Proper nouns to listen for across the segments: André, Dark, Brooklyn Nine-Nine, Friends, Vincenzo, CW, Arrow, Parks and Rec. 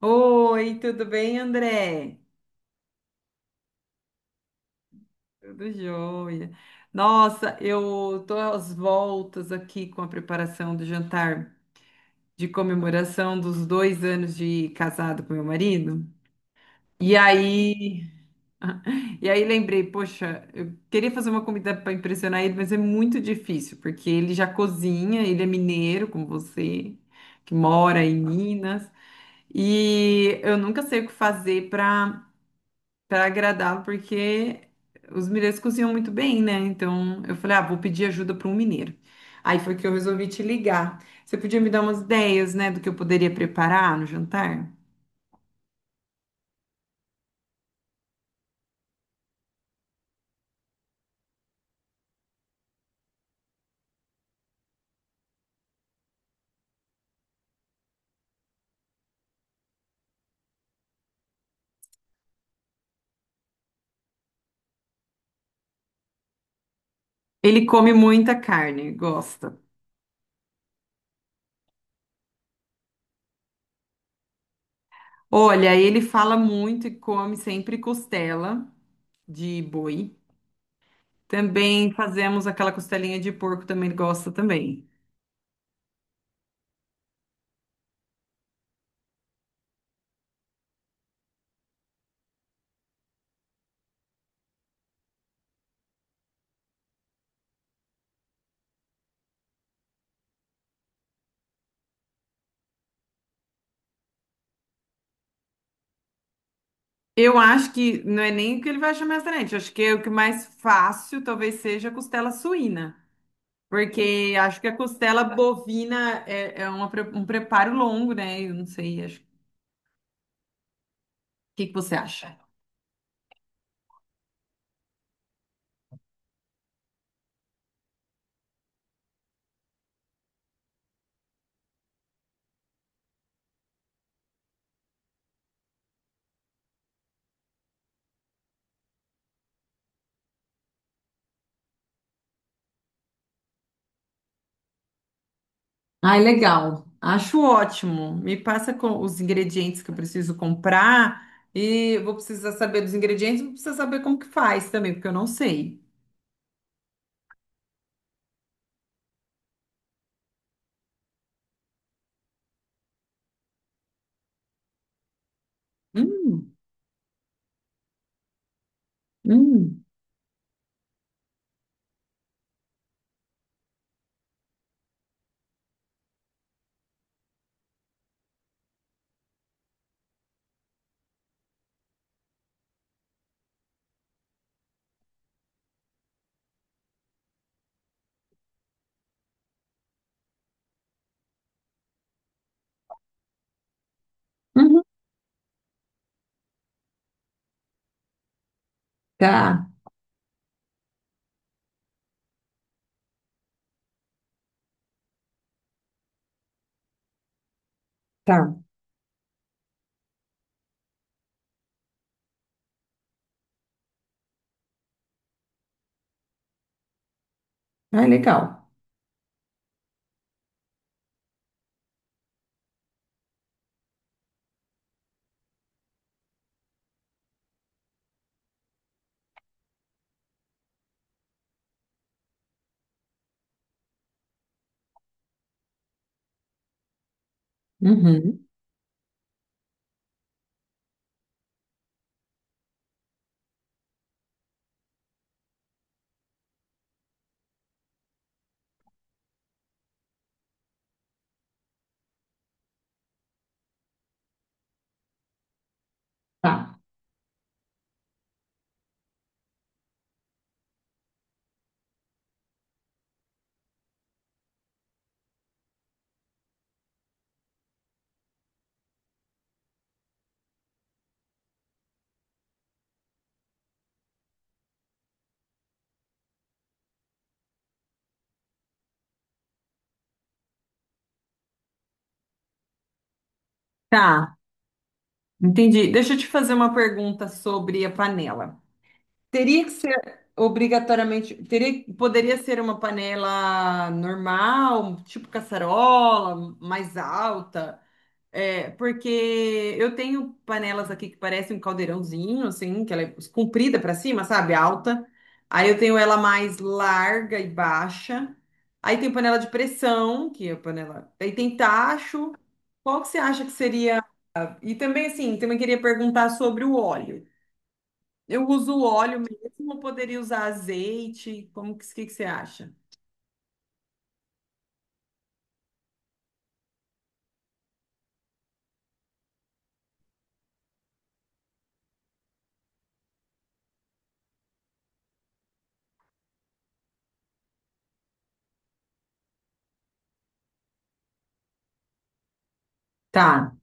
Oi, tudo bem, André? Tudo jóia. Nossa, eu tô às voltas aqui com a preparação do jantar de comemoração dos 2 anos de casado com meu marido. E aí, e aí lembrei, poxa, eu queria fazer uma comida para impressionar ele, mas é muito difícil, porque ele já cozinha, ele é mineiro, como você, que mora em Minas, e eu nunca sei o que fazer para agradar, porque os mineiros cozinham muito bem, né? Então eu falei, ah, vou pedir ajuda para um mineiro. Aí foi que eu resolvi te ligar. Você podia me dar umas ideias, né, do que eu poderia preparar no jantar? Ele come muita carne, gosta. Olha, ele fala muito e come sempre costela de boi. Também fazemos aquela costelinha de porco, também ele gosta também. Eu acho que não é nem o que ele vai achar mais atraente, acho que é o que mais fácil talvez seja a costela suína. Porque acho que a costela bovina é uma um preparo longo, né? Eu não sei, acho. O que que você acha? Ai, legal. Acho ótimo. Me passa com os ingredientes que eu preciso comprar e vou precisar saber dos ingredientes, vou precisar saber como que faz também, porque eu não sei. Hum, hum, uhum. Tá, tá. Ai, legal. Uhum, tá. Tá. Entendi. Deixa eu te fazer uma pergunta sobre a panela. Teria que ser obrigatoriamente, teria, poderia ser uma panela normal, tipo caçarola, mais alta, é, porque eu tenho panelas aqui que parecem um caldeirãozinho, assim, que ela é comprida para cima, sabe? Alta. Aí eu tenho ela mais larga e baixa. Aí tem panela de pressão, que é a panela. Aí tem tacho. Qual que você acha que seria e também, assim, também queria perguntar sobre o óleo. Eu uso o óleo mesmo ou poderia usar azeite? Como que você acha? Tá,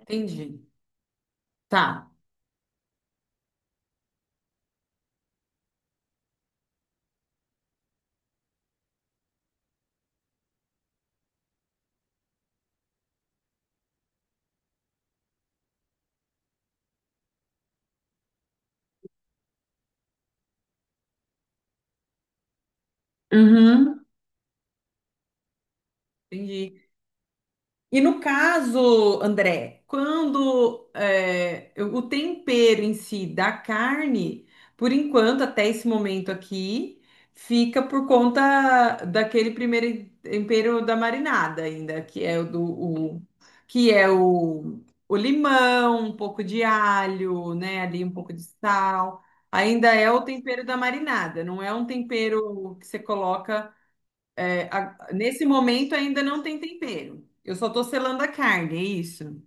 entendi. Tá. Uhum. Entendi. E no caso, André, quando é, o tempero em si da carne, por enquanto, até esse momento aqui, fica por conta daquele primeiro tempero da marinada ainda, que é que é o limão, um pouco de alho, né? Ali um pouco de sal. Ainda é o tempero da marinada, não é um tempero que você coloca. É, a- nesse momento ainda não tem tempero. Eu só tô selando a carne, é isso?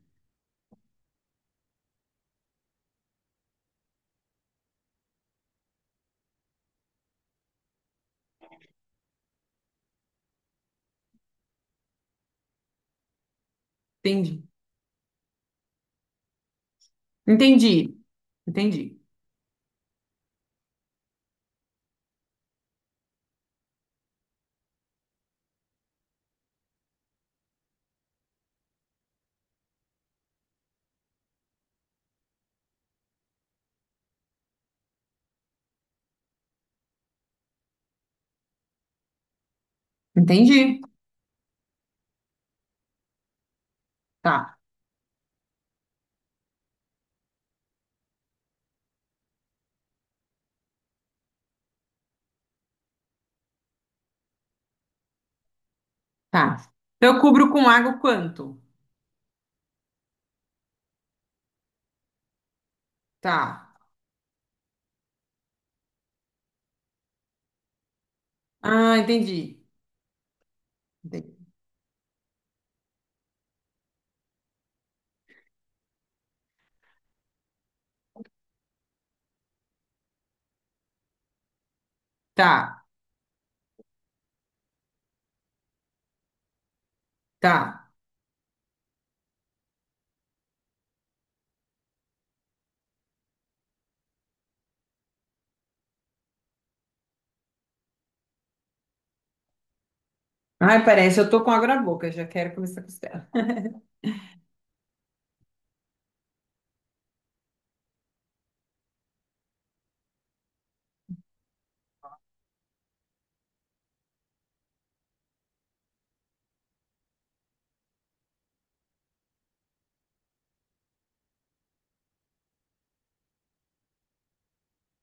Entendi. Entendi. Entendi. Entendi. Tá, tá. Então eu cubro com água quanto? Tá. Ah, entendi. Entendi. Tá, tá. Ai, parece, eu tô com água na boca, já quero comer essa costela.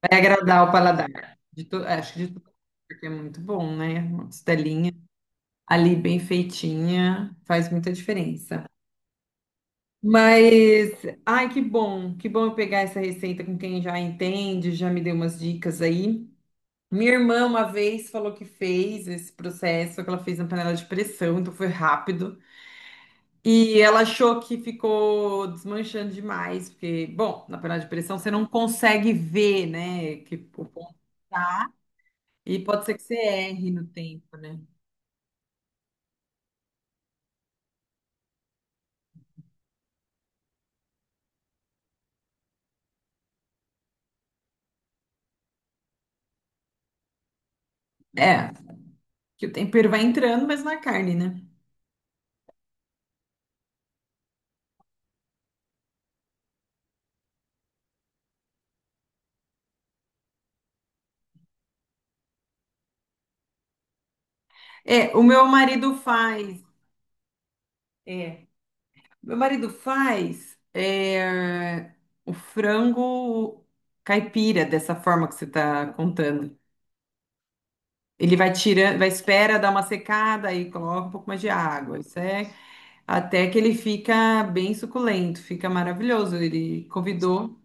Vai agradar o paladar. É, acho que de todo, porque é muito bom, né? Uma costelinha ali bem feitinha faz muita diferença. Mas, ai, que bom eu pegar essa receita com quem já entende, já me deu umas dicas aí. Minha irmã uma vez falou que fez esse processo, que ela fez na panela de pressão, então foi rápido. E ela achou que ficou desmanchando demais, porque, bom, na panela de pressão você não consegue ver, né, que o ponto tá, e pode ser que você erre no tempo, né? É, que o tempero vai entrando, mas na carne, né? É, o meu marido faz. É. Meu marido faz é, o frango caipira, dessa forma que você está contando. Ele vai tirando, vai espera dar uma secada e coloca um pouco mais de água. Isso é até que ele fica bem suculento, fica maravilhoso. Ele convidou.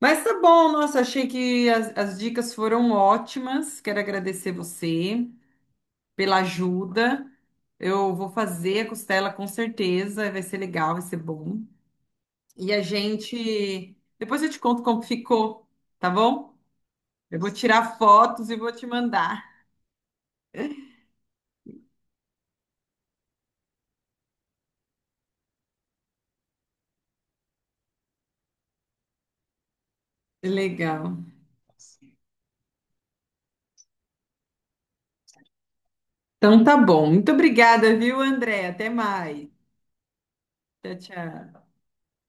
Mas tá bom, nossa, achei que as dicas foram ótimas. Quero agradecer você pela ajuda. Eu vou fazer a costela com certeza, vai ser legal, vai ser bom. E a gente. Depois eu te conto como ficou, tá bom? Eu vou tirar fotos e vou te mandar. Legal. Então tá bom. Muito obrigada, viu, André? Até mais. Tchau, tchau.